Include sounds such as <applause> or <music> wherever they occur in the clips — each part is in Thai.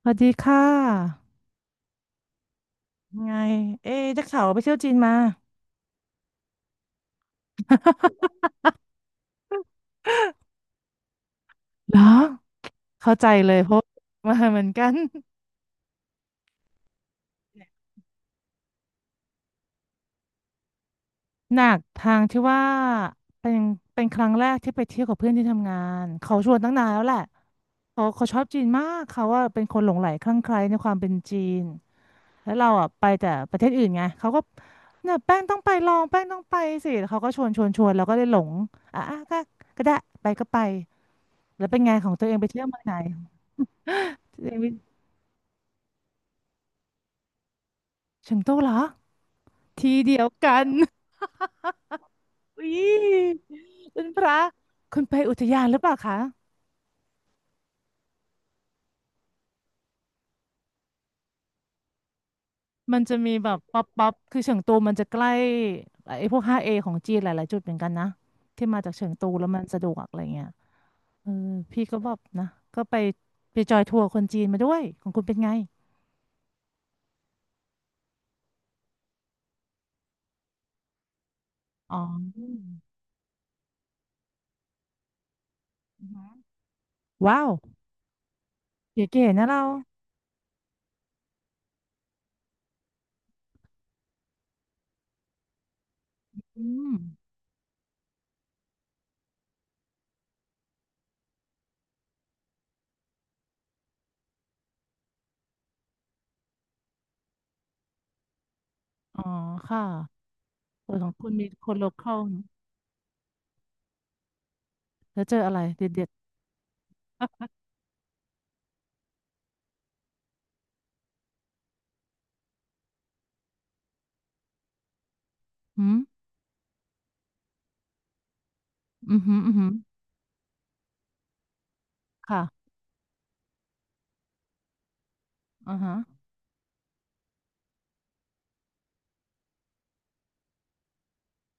สวัสดีค่ะไงเอ๊ะได้ข่าวว่าไปเที่ยวจีนมาเหรอเข้าใจเลยเพราะมาเหมือนกันหนักทางที่ว่าเป็นเป็นครั้งแรกที่ไปเที่ยวกับเพื่อนที่ทำงานเขาชวนตั้งนานแล้วแหละเขาชอบจีนมากเขาว่าเป็นคนหลงใหลคลั่งไคล้ในความเป็นจีนแล้วเราอ่ะไปแต่ประเทศอื่นไงเขาก็เนี่ยแป้งต้องไปลองแป้งต้องไปสิแล้วเขาก็ชวนเราก็เลยหลงอ่ะก็ก็ได้ไปก็ไปแล้วเป็นไงของตัวเองไปเที่ยวเมืองไหน เฉิงโตูเหรอที่เดียวกันอุ้ยคุณพระคุณไปอุทยานหรือเปล่าคะมันจะมีแบบป๊อปป๊อปคือเฉิงตูมันจะใกล้ไอ้พวก 5A ของจีนหลาย ๆ จุดเหมือนกันนะที่มาจากเฉิงตูแล้วมันสะดวกอะไรเงี้ยเออพี่ก็แบบนะก็ไปไปจอยทัวร์คนจีนมาด้วยของคุณเป็นไงอ๋ออืมอือหือว้าวเก๋ๆนะเราอืมอ๋อค่ะเออของคุณมีคนโลคอลเนอะแล้วเจออะไรเด็ดๆอืมอืมอหืมออือหือค่ะ อ่าฮะ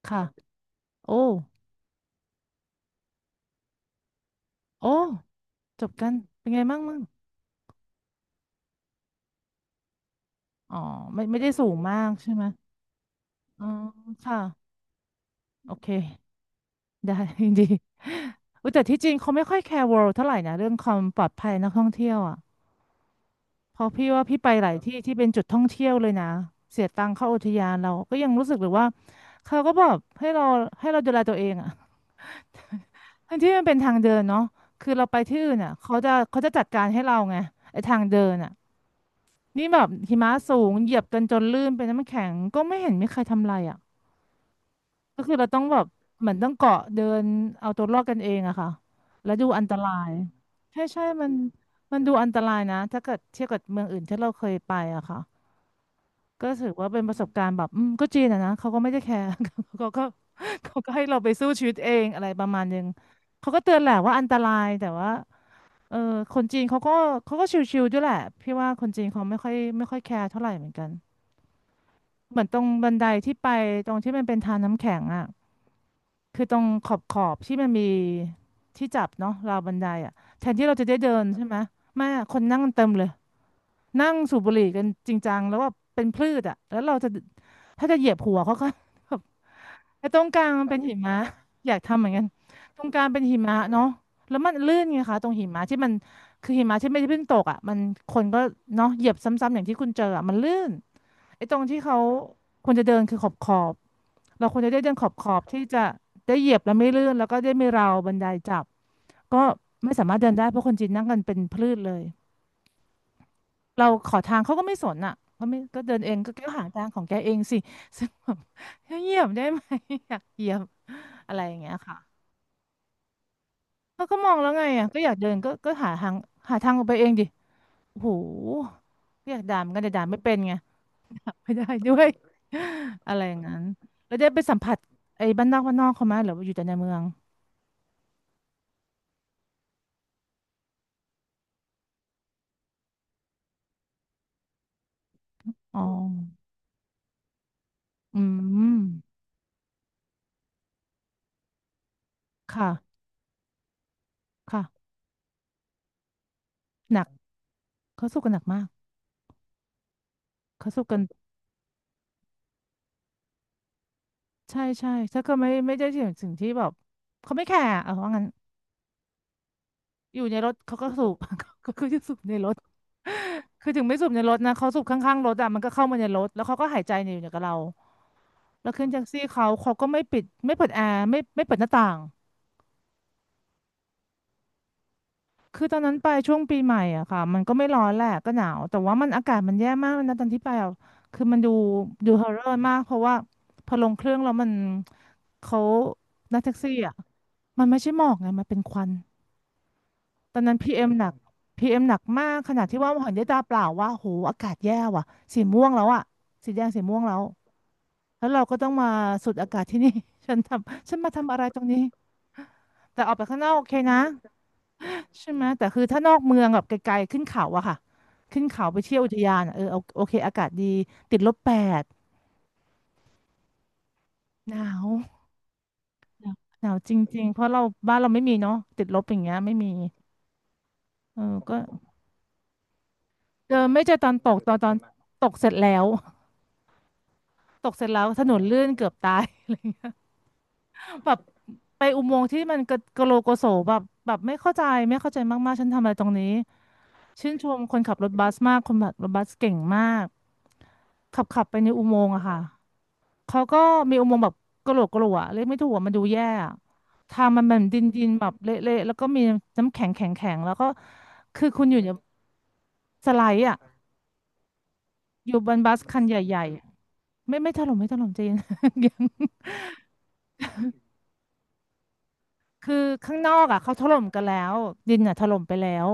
ค่ะ โอ้ โอ้ จบกันเป็นไงบ้างมั่งอ๋อไม่ได้สูงมากใช่ไหม อ๋อค่ะโอเค ได้ <laughs> ดีอุ๊ยแต่ที่จริงเขาไม่ค่อยแคร์ World เท่าไหร่นะเรื่องความปลอดภัยนักท่องเที่ยวอ่ะเพราะพี่ว่าพี่ไปหลายที่ที่เป็นจุดท่องเที่ยวเลยนะ เสียตังค์เข้าอุทยานเราก็ยังรู้สึกเลยว่าเขาก็บอกให้เราดูแลตัวเองอ่ะ <laughs> ทั้งที่มันเป็นทางเดินเนาะคือเราไปที่อื่นอ่ะเขาจะจัดการให้เราไงไอ้ทางเดินอ่ะ นี่แบบหิมะสูงเหยียบกันจนลื่นเป็นน้ำแข็งก็ไม่เห็นมีใครทำอะไรอ่ะก็คือเราต้องแบบเหมือนต้องเกาะเดินเอาตัวรอดกันเองอะค่ะแล้วดูอันตรายใช่ใช่มันดูอันตรายนะถ้าเกิดเทียบกับเมืองอื่นที่เราเคยไปอะค่ะก็ถือว่าเป็นประสบการณ์แบบอืมก็จีนอะนะเขาก็ไม่ได้แคร์ <laughs> เขาก็เขาก็ให้เราไปสู้ชีวิตเองอะไรประมาณนึงเขาก็เตือนแหละว่าอันตรายแต่ว่าเออคนจีนเขาก็เขาก็ชิวๆด้วยแหละพี่ว่าคนจีนเขาไม่ค่อยแคร์เท่าไหร่เหมือนกัน เหมือนตรงบันไดที่ไปตรงที่มันเป็นทางน้ำแข็งอ่ะคือตรงขอบที่มันมีที่จับเนาะราวบันไดอ่ะแทนที่เราจะได้เดินใช่ไหมไม่อะคนนั่งกันเต็มเลยนั่งสูบบุหรี่กันจริงจังแล้วว่าเป็นพืชอ่ะแล้วเราจะถ้าจะเหยียบหัวเขาก็ <laughs> แบบไอ้ตรงกลางมันเป็นหิมะอยากทำเหมือนกันตรงกลางเป็นหิมะเนาะแล้วมันลื่นไงคะตรงหิมะที่มันคือหิมะที่ไม่ได้เพิ่งตกอ่ะมันคนก็เนาะเหยียบซ้ำๆอย่างที่คุณเจออ่ะมันลื่นไอ้ตรงที่เขาควรจะเดินคือขอบ เราควรจะได้เดินขอบที่จะได้เหยียบแล้วไม่ลื่นแล้วก็ได้ไม่ราวบันไดจับก็ไม่สามารถเดินได้เพราะคนจีนนั่งกันเป็นพืชเลยเราขอทางเขาก็ไม่สนอ่ะเขาไม่ก็เดินเองก็แก้วหาทางของแกเองสิซึ่งแบบ <laughs> เหยียบได้ไหม <laughs> อยากเหยียบอะไรอย่างเงี้ยค่ะเขาก็มองแล้วไงอ่ะก็อยากเดินก็หาทางหาทางออกไปเองดิโอ้โหก็อยากด่าเหมอนกันแต่ด่าไม่เป็นไงไม่ได้ด้วยอะไรอย่างนั้นแล้วได้ไปสัมผัสไอ้บ้านนอกเขาไหมหรือว่าอยู่แต่ในเมืองอ๋ออืม ค่ะค่ะหนักเขาสู้กันหนักมากเขาสู้กันใช่ใช่ถ้าก็ไม่ได้ถึงสิ่งที่แบบเขาไม่แคร์อะเอาว่างั้นอยู่ในรถเขาก็สูบ <laughs> ก็คือจะสูบในรถคือถึงไม่สูบในรถนะเขาสูบข้างๆรถอะมันก็เข้ามาในรถแล้วเขาก็หายใจอยู่กับเราแล้วขึ้นแท็กซี่เขาก็ไม่ปิดไม่เปิดแอร์ไม่เปิดหน้าต่าง คือตอนนั้นไปช่วงปีใหม่อะค่ะมันก็ไม่ร้อนแหละก็หนาวแต่ว่ามันอากาศมันแย่มากเลยนะตอนที่ไปอะคือมันดูดูฮอร์เรอร์มากเพราะว่าพอลงเครื่องแล้วมันเขานักแท็กซี่อะมันไม่ใช่หมอกไงมันเป็นควันตอนนั้นพีเอ็มหนักพีเอ็มหนักมากขนาดที่ว่าเห็นด้วยตาเปล่าว่าโหอากาศแย่ว่ะสีม่วงแล้วอะสีแดงสีม่วงแล้วแล้วเราก็ต้องมาสูดอากาศที่นี่ <laughs> ฉันทำฉันมาทำอะไรตรงนี้แต่ออกไปข้างนอกโอเคนะ ใช่ไหมแต่คือถ้านอกเมืองแบบไกลๆขึ้นเขาอะค่ะขึ้นเขาไปเที่ยวอุทยานอะเออเอาโอเคอากาศดีติดลบ8หนาวหนาวหนาวจริงๆเพราะเราบ้านเราไม่มีเนาะติดลบอย่างเงี้ยไม่มีเออก็เจอไม่เจอตอนตกตอนตกเสร็จแล้ว <laughs> ตกเสร็จแล้วถนนลื่นเกือบตาย <laughs> แบบไปอุโมงค์ที่มันกระกะโลโกโสแบบไม่เข้าใจไม่เข้าใจมากๆฉันทำอะไรตรงนี้ ชื่นชมคนขับรถบัสมากคนขับรถบัสเก่งมากขับไปในอุโมงค์อะค่ะ เขาก็มีอุโมงค์แบบกระโหลกกระโหลกอะเรียกไม่ถูกอะมันดูแย่อะทางมันแบบดินดินแบบเละๆแล้วก็มีน้ำแข็งแข็งแข็งแล้วก็คือคุณอยู่ในสไลด์อะอยู่บนบัสคันใหญ่ๆไม่ถล่มไม่ถล่มใจเย็น <laughs> ยังคือข้างนอกอะเขาถล่มกันแล้วดินอะถล่มไปแล้ว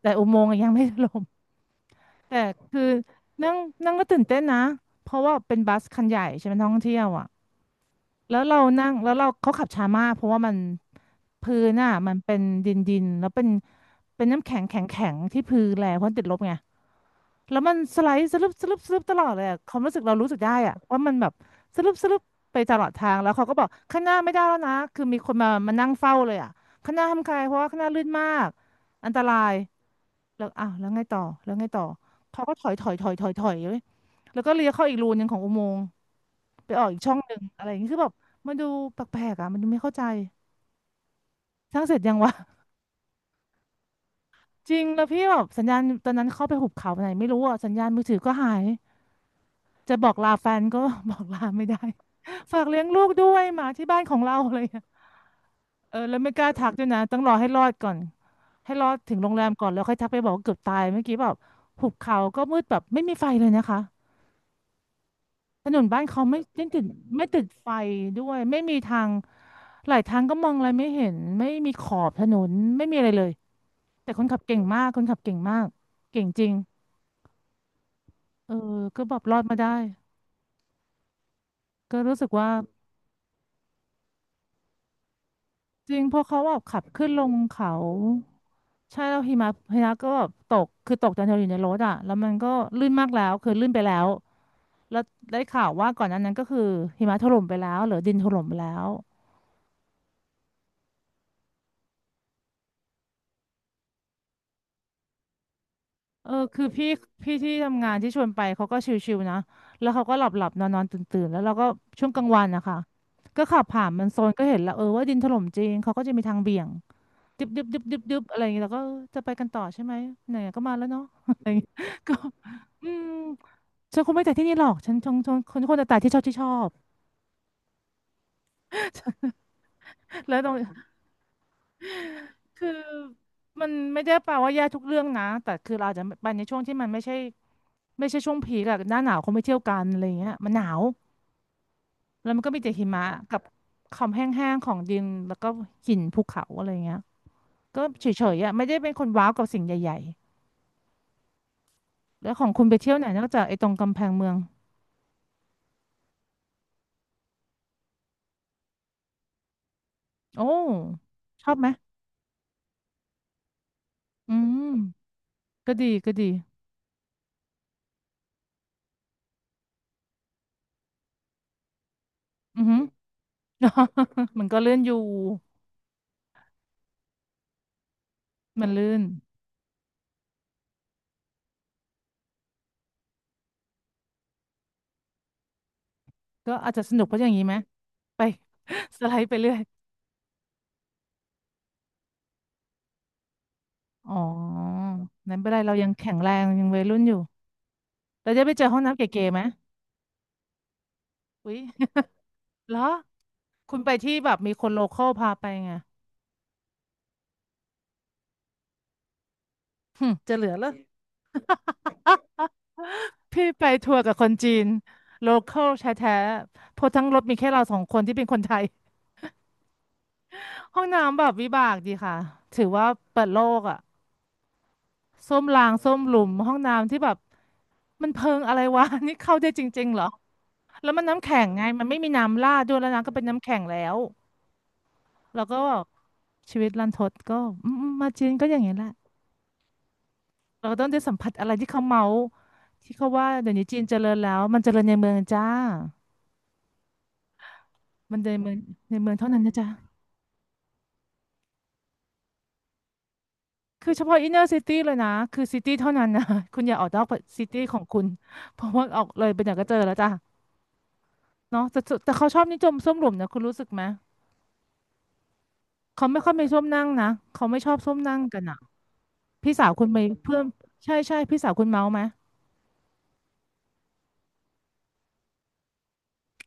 แต่อุโมงค์อะยังไม่ถล่ม แต่คือนั่งนั่งก็ตื่นเต้นนะเพราะว่าเป็นบัสคันใหญ่ใช่ไหมท่องเที่ยวอ่ะแล้วเรานั่งแล้วเราเขาขับช้ามากเพราะว่ามันพื้นอ่ะมันเป็นดินดินแล้วเป็นน้ำแข็งแข็งแข็งที่พื้นแหละเพราะติดลบไงแล้วมันสไลด์สลึบสลึบสลึบตลอดเลยอะความรู้สึกเรารู้สึกได้อ่ะว่ามันแบบสลึบสลึบไปตลอดทางแล้วเขาก็บอกข้างหน้าไม่ได้แล้วนะคือมีคนมานั่งเฝ้าเลยอ่ะข้างหน้าทำใครเพราะว่าข้างหน้าลื่นมากอันตราย แล้วอ้าวแล้วไงต่อแล้วไงต่อเขาก็ถอยถอยถอยถอยถอยเลยแล้วก็เลี้ยวเข้าอีกรูนึงของอุโมงค์ไปออกอีกช่องหนึ่งอะไรอย่างนี้คือแบบมันดูแปลกๆอ่ะมันดูไม่เข้าใจสร้างเสร็จยังวะ <laughs> จริงแล้วพี่แบบสัญญาณตอนนั้นเข้าไปหุบเขาไหนไม่รู้อ่ะสัญญาณมือถือก็หายจะบอกลาแฟนก็ <laughs> บอกลาไม่ได้ฝากเลี้ยงลูกด้วยหมาที่บ้านของเราอะไรอย่างเลยเออแล้วไม่กล้าทักด้วยนะต้องรอให้รอดก่อนให้รอดถึงโรงแรมก่อนแล้วค่อยทักไปบอกว่าเกือบตายเมื่อกี้แบบหุบเขาก็มืดแบบไม่มีไฟเลยนะคะ ถนนบ้านเขาไม่ติดไฟด้วยไม่มีทางหลายทางก็มองอะไรไม่เห็นไม่มีขอบถนนไม่มีอะไรเลยแต่คนขับเก่งมากคนขับเก่งมากเก่งจริงเออก็แบบรอดมาได้ก็รู้สึกว่าจริงเพอเขาแบบขับขึ้นลงเขาใช่แล้วหิมะก็แบบตกคือตกตอนเราอยู่ในรถอ่ะแล้วมันก็ลื่นมากแล้วคือลื่นไปแล้วแล้วได้ข่าวว่าก่อนหนั้นนั้นก็คือหิมะถล่มไปแล้วหรือดินถล่มไปแล้ว เออคือพี่ที่ทำงานที่ชวนไปเขาก็ชิวๆนะแล้วเขาก็หลับๆนอนๆตื่นๆแล้วเราก็ช่วงกลางวันนะคะก็ขับผ่านมันโซนก็เห็นแล้วเออว่าดินถล่มจริงเขาก็จะมีทางเบี่ยงดึบดึบดึบดึบดึบอะไรอย่างเงี้ยแล้ก็เออจะไปกันต่อใช่ไหมไหนๆก็มาแล้วเนาะ <laughs> อะไรอย่างเงี้ย <laughs> ก็อืมฉันคงไม่แต่ที่นี่หรอกฉันชงชงคนคนแต่ที่ชอบที่ชอบแล้วตรงคือมันไม่ได้แปลว่าแย่ทุกเรื่องนะแต่คือเราอาจจะไปในช่วงที่มันไม่ใช่ช่วงผีคอะหน้าหนาวเขาไม่เที่ยวกันอะไรอย่างเงี้ยมันหนาว แล้วมันก็มีแต่หิมะกับความแห้งๆของดินแล้วก็หินภูเขาอะไรเงี้ยก็เฉยๆอ่ะไม่ได้เป็นคนว้าวกับสิ่งใหญ่ๆแล้วของคุณไปเที่ยวไหนนอกจากไอ้ตรงกำแพงเมืองโอ้ชอบไหมอืมก็ดีก็ดีอือหือ <laughs> มันก็เลื่อนอยู่มันลื่นก็อาจจะสนุกเพราะอย่างนี้ไหมไป <laughs> สไลด์ไปเรื่อยอ๋อนั้นไม่เป็นไรเรายังแข็งแรงยังวัยรุ่นอยู่เราจะไปเจอห้องน้ำเก๋ๆไหมอุ๊ย <laughs> เหรอคุณไปที่แบบมีคนโลคอลพาไปไง หึจะเหลือแล้วพี่ไปทัวร์กับคนจีนโลคอลแท้ๆเพราะทั้งรถมีแค่เราสองคนที่เป็นคนไทย <laughs> ห้องน้ำแบบวิบากดีค่ะถือว่าเปิดโลกอ่ะส้วมรางส้วมหลุมห้องน้ำที่แบบมันเพิงอะไรวะ <laughs> นี่เข้าได้จริงๆเหรอแล้วมันน้ำแข็งไงมันไม่มีน้ำราดด้วยแล้วน้ำก็เป็นน้ำแข็งแล้วแล้วก็ชีวิตรันทดก็อืมๆมาจีนก็อย่างนี้แหละเราต้องได้สัมผัสอะไรที่เขาเมาที่เขาว่าเดี๋ยวนี้จีนเจริญแล้วมันเจริญในเมืองจ้า มันในเมืองในเมืองเท่านั้นนะจ๊ะคือเฉพาะอินเนอร์ซิตี้เลยนะคือซิตี้เท่านั้นนะ <laughs> คุณอย่าออกนอกซิตี้ของคุณเพราะว่าออกเลยไปไหนก็เจอแล้วจ้ะเนาะแต่เขาชอบนิยมส้วมหลุมนะคุณรู้สึกไหมเขาไม่ค่อยมีส้วมนั่งนะเขาไม่ชอบส้วมนั่งกันอ่ะพี่สาวคุณไปเพิ่มใช่ใช่พี่สาวคุณเมาไหม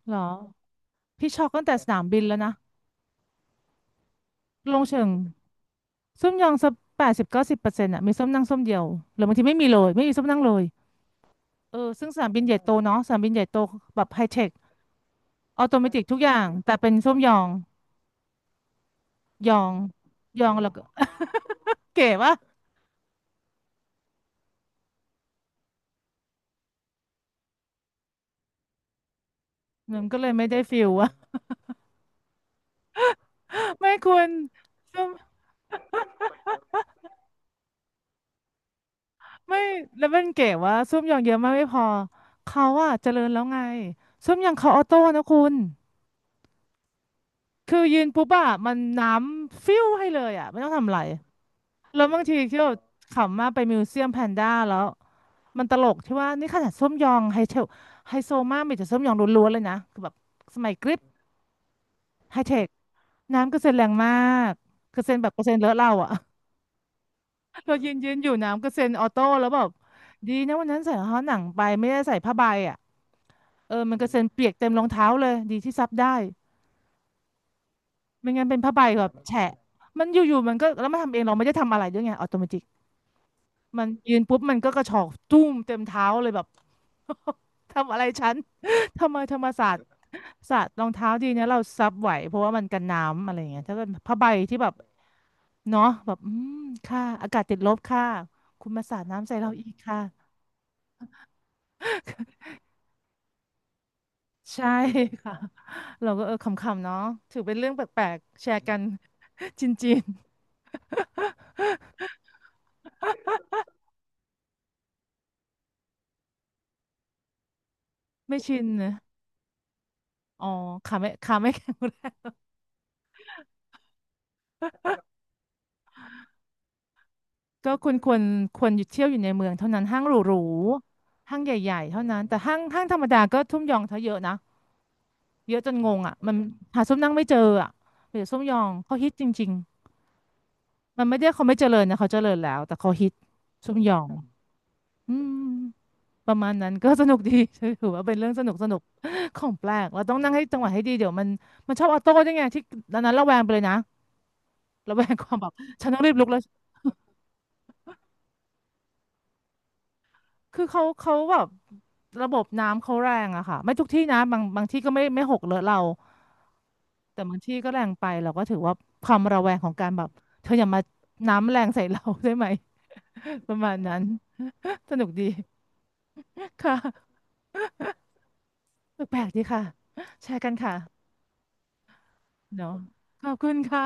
เหรอพี่ช็อกตั้งแต่สนามบินแล้วนะลงเชิงส้วมยองสัก80-90%อ่ะมีส้วมนั่งส้วมเดียวหรือบางทีไม่มีเลยไม่มีส้วมนั่งเลยเออซึ่งสนามบินใหญ่โตเนาะสนามบินใหญ่โตแบบไฮเทค ออโตเมติกทุกอย่างแต่เป็นส้มยองยองแล้วก็เก๋วะมันก็เลยไม่ได้ฟิลวะ <laughs> ไม่คุณส้มไม่แล้วมันเก๋วะส้มยองเยอะมากไม่พอเขาอะเจริญแล้วไงส้มยองเขาออโต้นะคุณคือยืนปุ๊บอะมันน้ำฟิวให้เลยอะไม่ต้องทำอะไรแล้วบางทีที่แบบขำมากไปมิวเซียมแพนด้าแล้วมันตลกที่ว่านี่ขนาดส้มยองไฮเทลไฮโซมากมีแต่ส้มยองล้วนๆเลยนะคือแบบสมัยกริปไฮเทค น้ำกระเซ็นแรงมากกระเซ็นแบบกระเซ็นเลอะเราอะ <laughs> เรายืนอยู่น้ำกระเซ็นออโต้แล้วแบบดีนะวันนั้นใส่รองเท้าหนังไปไม่ได้ใส่ผ้าใบอะเออมันกระเซ็นเปียกเต็มรองเท้าเลยดีที่ซับได้ไม่งั้นเป็นผ้าใบแบบแฉะมันอยู่ๆมันก็แล้วมันทำเองเราไม่ได้ทำอะไรด้วยไงออโตเมติกมันยืนปุ๊บมันก็กระฉอกตุ้มเต็มเท้าเลยแบบ <laughs> ทำอะไรฉัน <laughs> ทำไมธรรมศาสตร์รองเท้าดีนะเราซับไหวเพราะว่ามันกันน้ำอะไรอย่างเงี้ยถ้าเป็นผ้าใบที่แบบ เนาะแบบอืมค่ะอากาศติดลบค่ะคุณมาสาดน้ำใส่เราอีกค่ะใช่ค่ะเราก็เออขำๆเนาะถือเป็นเรื่องแปลกๆแชร์กัน <laughs> จินจิน <laughs> ไม่ชินนะอ๋อขาไม่แข็งแรงก็ควรหยุดเที่ยวอยู่ในเมืองเท่านั้นห้างหรูๆห้างใหญ่ๆเท่านั้นแต่ห้างธรรมดาก็ทุ่มยองเธอเยอะนะเยอะจนงงอ่ะมันหาส้มนั่งไม่เจออ่ะเดี๋ยวส้มยองเขาฮิตจริงๆ มันไม่ได้เขาไม่เจริญนะเขาเจริญแล้วแต่เขาฮิตซุมหยองอืมประมาณนั้นก็สนุกดี <laughs> ถือว่าเป็นเรื่องสนุกสนุกของแปลกเราต้องนั่งให้จังหวะให้ดีเดี๋ยวมันมันชอบออโต้ด้วยไงที่ตอนนั้นระแวงไปเลยนะระแวงความแบบฉันต้องรีบลุกแล้วคือเขาแบบระบบน้ำเขาแรงอะค่ะไม่ทุกที่นะบางที่ก็ไม่หกเลอะเราแต่บางที่ก็แรงไปเราก็ถือว่าความระแวงของการแบบเธออย่ามาน้ำแรงใส่เรา <laughs> ได้ไหม <laughs> ประมาณนั้น <laughs> สนุกดีค่ะ แปลกๆดีค่ะ <gasps> แชร์กันค่ะเนาะขอบคุณค่ะ